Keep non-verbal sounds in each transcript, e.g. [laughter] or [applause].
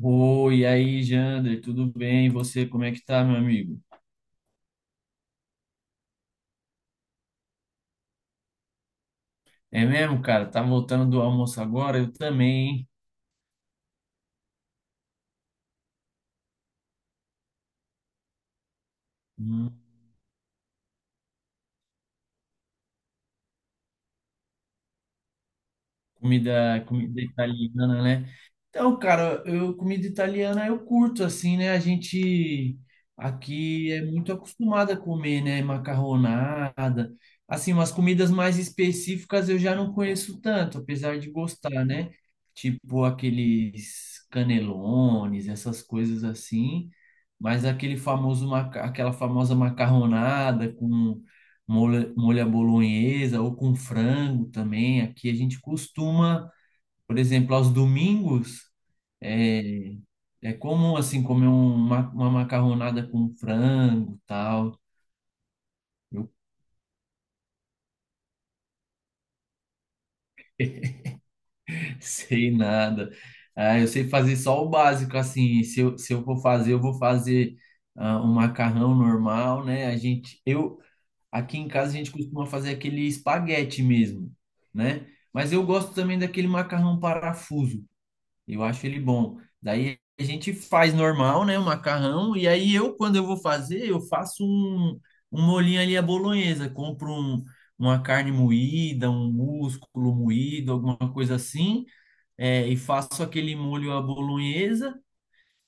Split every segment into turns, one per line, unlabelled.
Oi, e aí, Jander, tudo bem? E você, como é que tá, meu amigo? É mesmo, cara? Tá voltando do almoço agora? Eu também, hein? Hum, comida italiana, né? Então, cara, eu comida italiana eu curto assim, né? A gente aqui é muito acostumada a comer, né? Macarronada, assim, umas comidas mais específicas eu já não conheço tanto, apesar de gostar, né? Tipo aqueles canelones, essas coisas assim, mas aquela famosa macarronada com molho à bolonhesa ou com frango também, aqui a gente costuma por exemplo, aos domingos, é, é comum, assim, uma macarronada com frango, tal. Eu [laughs] sei nada. Ah, eu sei fazer só o básico, assim. Se eu for fazer, eu vou fazer ah, um macarrão normal, né? A gente, eu, aqui em casa, a gente costuma fazer aquele espaguete mesmo, né? Mas eu gosto também daquele macarrão parafuso. Eu acho ele bom. Daí a gente faz normal, né? O macarrão. E aí eu, quando eu vou fazer, eu faço um, um molhinho ali à bolonhesa. Uma carne moída, um músculo moído, alguma coisa assim. É, e faço aquele molho à bolonhesa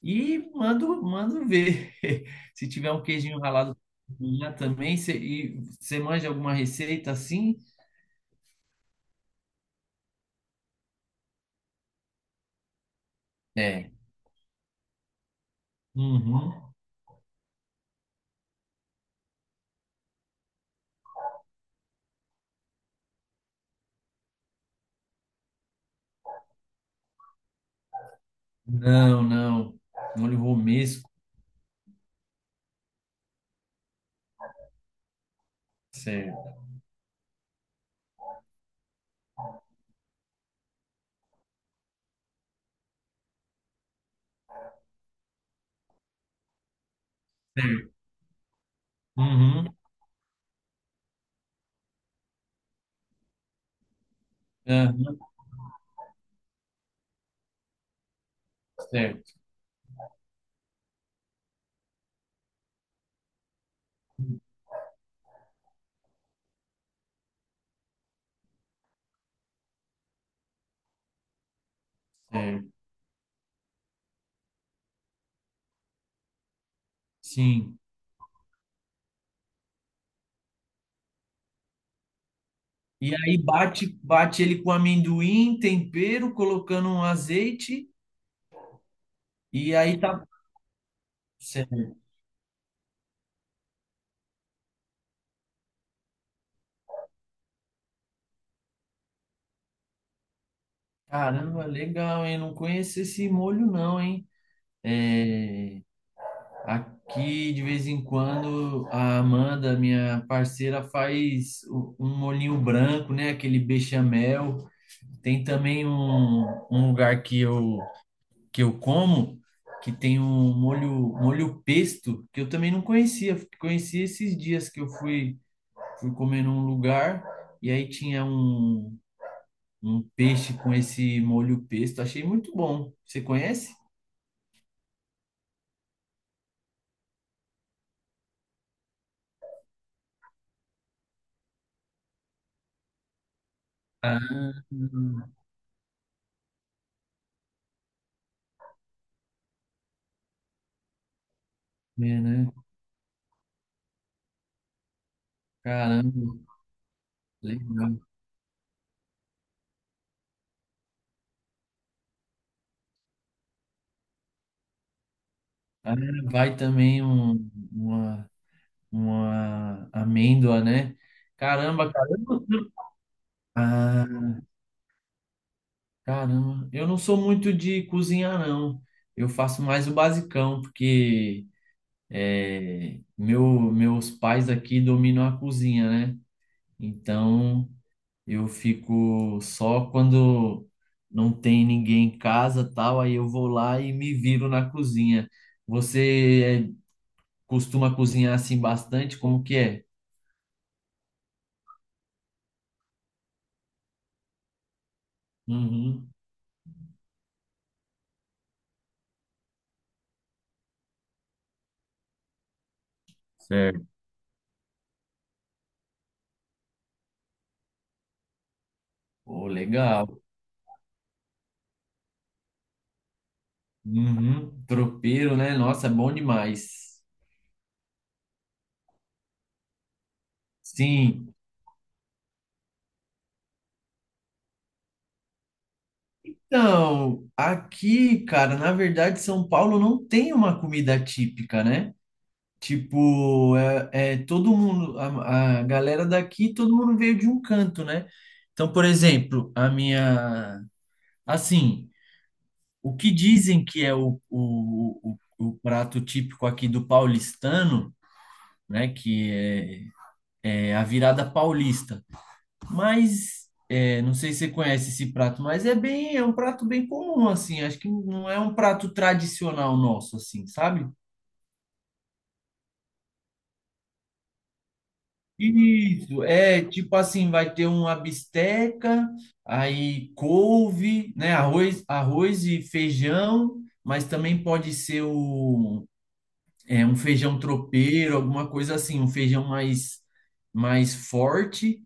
e mando ver. [laughs] Se tiver um queijinho ralado já também, e você manja alguma receita assim? É. Uhum. Não, não. Molho romesco. Tá certo. Uhum. Aham, certo, certo. Sim. E aí bate ele com amendoim, tempero, colocando um azeite e aí tá. Certo. Caramba, legal, hein? Não conheço esse molho não, hein? É, aqui de vez em quando a Amanda, minha parceira, um molhinho branco, né? Aquele bechamel. Tem também um lugar que eu como, que tem um, molho pesto, que eu também não conhecia. Conheci esses dias que eu fui, Fui comer num lugar e aí tinha um, um peixe com esse molho pesto. Achei muito bom. Você conhece? Ah, é, né? Caramba, legal. Ah, vai também um, uma amêndoa, né? Caramba, caramba. Ah, caramba, eu não sou muito de cozinhar, não. Eu faço mais o basicão, porque é, meus pais aqui dominam a cozinha, né? Então eu fico só quando não tem ninguém em casa, tal, aí eu vou lá e me viro na cozinha. Você é, costuma cozinhar assim bastante? Como que é? Uhum. Certo. Pô, legal. Uhum. Tropeiro, né? Nossa, é bom demais. Sim. Então, aqui, cara, na verdade, São Paulo não tem uma comida típica, né? Tipo, é, é todo mundo, a galera daqui, todo mundo veio de um canto, né? Então, por exemplo, a minha, assim, o que dizem que é o prato típico aqui do paulistano, né? Que é é a virada paulista. Mas é, não sei se você conhece esse prato, mas é bem, é um prato bem comum, assim. Acho que não é um prato tradicional nosso, assim, sabe? Isso, é tipo assim, vai ter uma bisteca, aí couve, né? Arroz, arroz e feijão, mas também pode ser o, é, um feijão tropeiro, alguma coisa assim, um feijão mais, mais forte.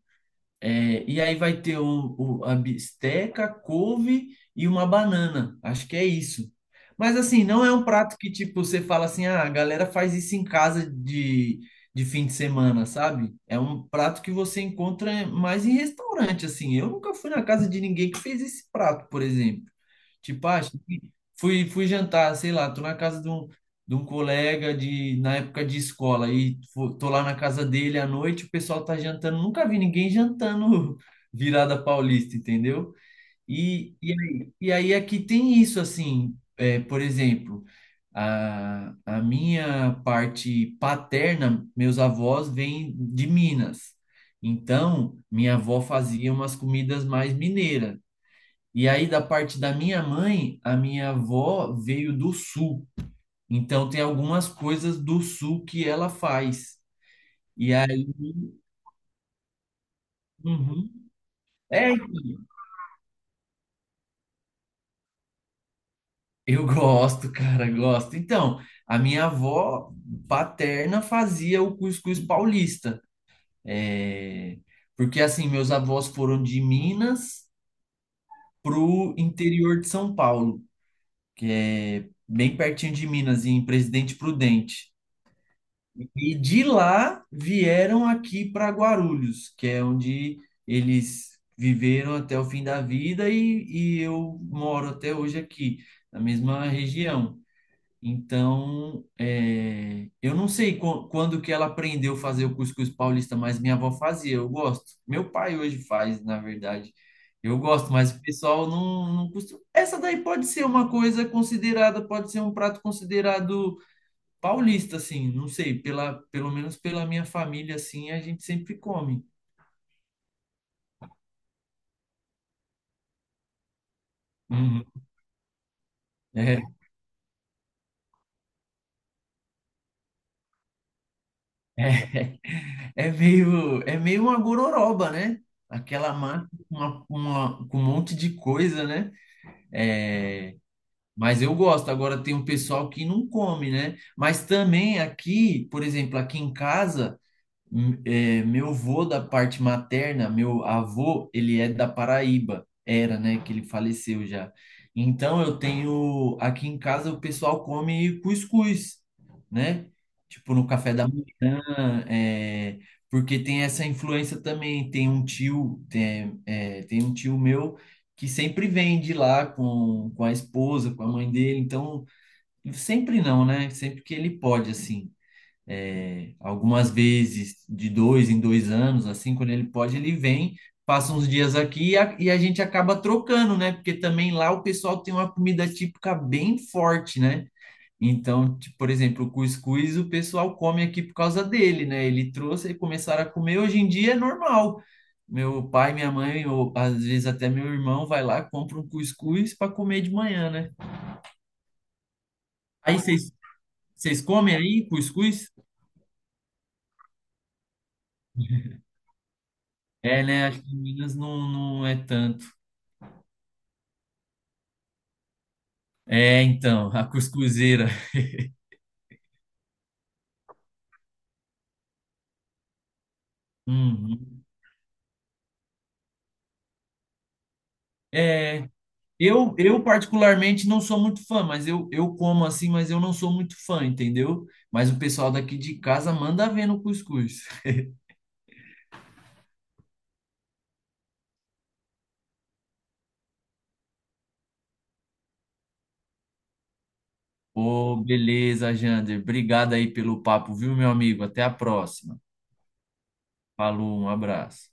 É, e aí vai ter o- a bisteca, couve e uma banana. Acho que é isso. Mas assim, não é um prato que tipo você fala assim, ah, a galera faz isso em casa de fim de semana, sabe? É um prato que você encontra mais em restaurante, assim. Eu nunca fui na casa de ninguém que fez esse prato, por exemplo. Tipo, ah, fui jantar, sei lá, tô na casa de um colega de na época de escola e tô lá na casa dele à noite, o pessoal tá jantando, nunca vi ninguém jantando [laughs] virada paulista, entendeu? E aí aqui tem isso assim, é, por exemplo, a minha parte paterna, meus avós vêm de Minas. Então, minha avó fazia umas comidas mais mineiras. E aí, da parte da minha mãe, a minha avó veio do sul. Então tem algumas coisas do sul que ela faz. E aí, uhum. É, então, eu [laughs] gosto, cara, gosto. Então, a minha avó paterna fazia o cuscuz paulista. É, porque assim, meus avós foram de Minas pro interior de São Paulo, que é bem pertinho de Minas, em Presidente Prudente. E de lá vieram aqui para Guarulhos, que é onde eles viveram até o fim da vida e eu moro até hoje aqui, na mesma região. Então, é, eu não sei quando que ela aprendeu a fazer o cuscuz paulista, mas minha avó fazia, eu gosto. Meu pai hoje faz, na verdade. Eu gosto, mas o pessoal não, não costuma. Essa daí pode ser uma coisa considerada, pode ser um prato considerado paulista, assim, não sei, pela, pelo menos pela minha família, assim, a gente sempre come. Uhum. É, é, [laughs] é meio uma gororoba, né? Aquela massa com uma, com um monte de coisa, né? É, mas eu gosto. Agora tem um pessoal que não come, né? Mas também aqui, por exemplo, aqui em casa. É, meu avô da parte materna, meu avô, ele é da Paraíba, era, né, que ele faleceu já. Então eu tenho, aqui em casa o pessoal come cuscuz, né? Tipo no café da manhã, é, porque tem essa influência também. Tem um tio, tem, é, tem um tio meu que sempre vem de lá com a esposa, com a mãe dele. Então, sempre não, né? Sempre que ele pode, assim é, algumas vezes de dois em dois anos, assim, quando ele pode, ele vem, passa uns dias aqui e a gente acaba trocando, né? Porque também lá o pessoal tem uma comida típica bem forte, né? Então, tipo, por exemplo, o cuscuz o pessoal come aqui por causa dele, né? Ele trouxe e começaram a comer. Hoje em dia é normal. Meu pai, minha mãe, ou às vezes até meu irmão vai lá, compra um cuscuz para comer de manhã, né? Aí vocês comem aí cuscuz? É, né? Acho que em Minas não, não é tanto. É, então, a cuscuzeira. Uhum. É, eu particularmente não sou muito fã, mas eu como assim, mas eu não sou muito fã, entendeu? Mas o pessoal daqui de casa manda ver no cuscuz. Ô, beleza, Jander. Obrigado aí pelo papo, viu, meu amigo? Até a próxima. Falou, um abraço.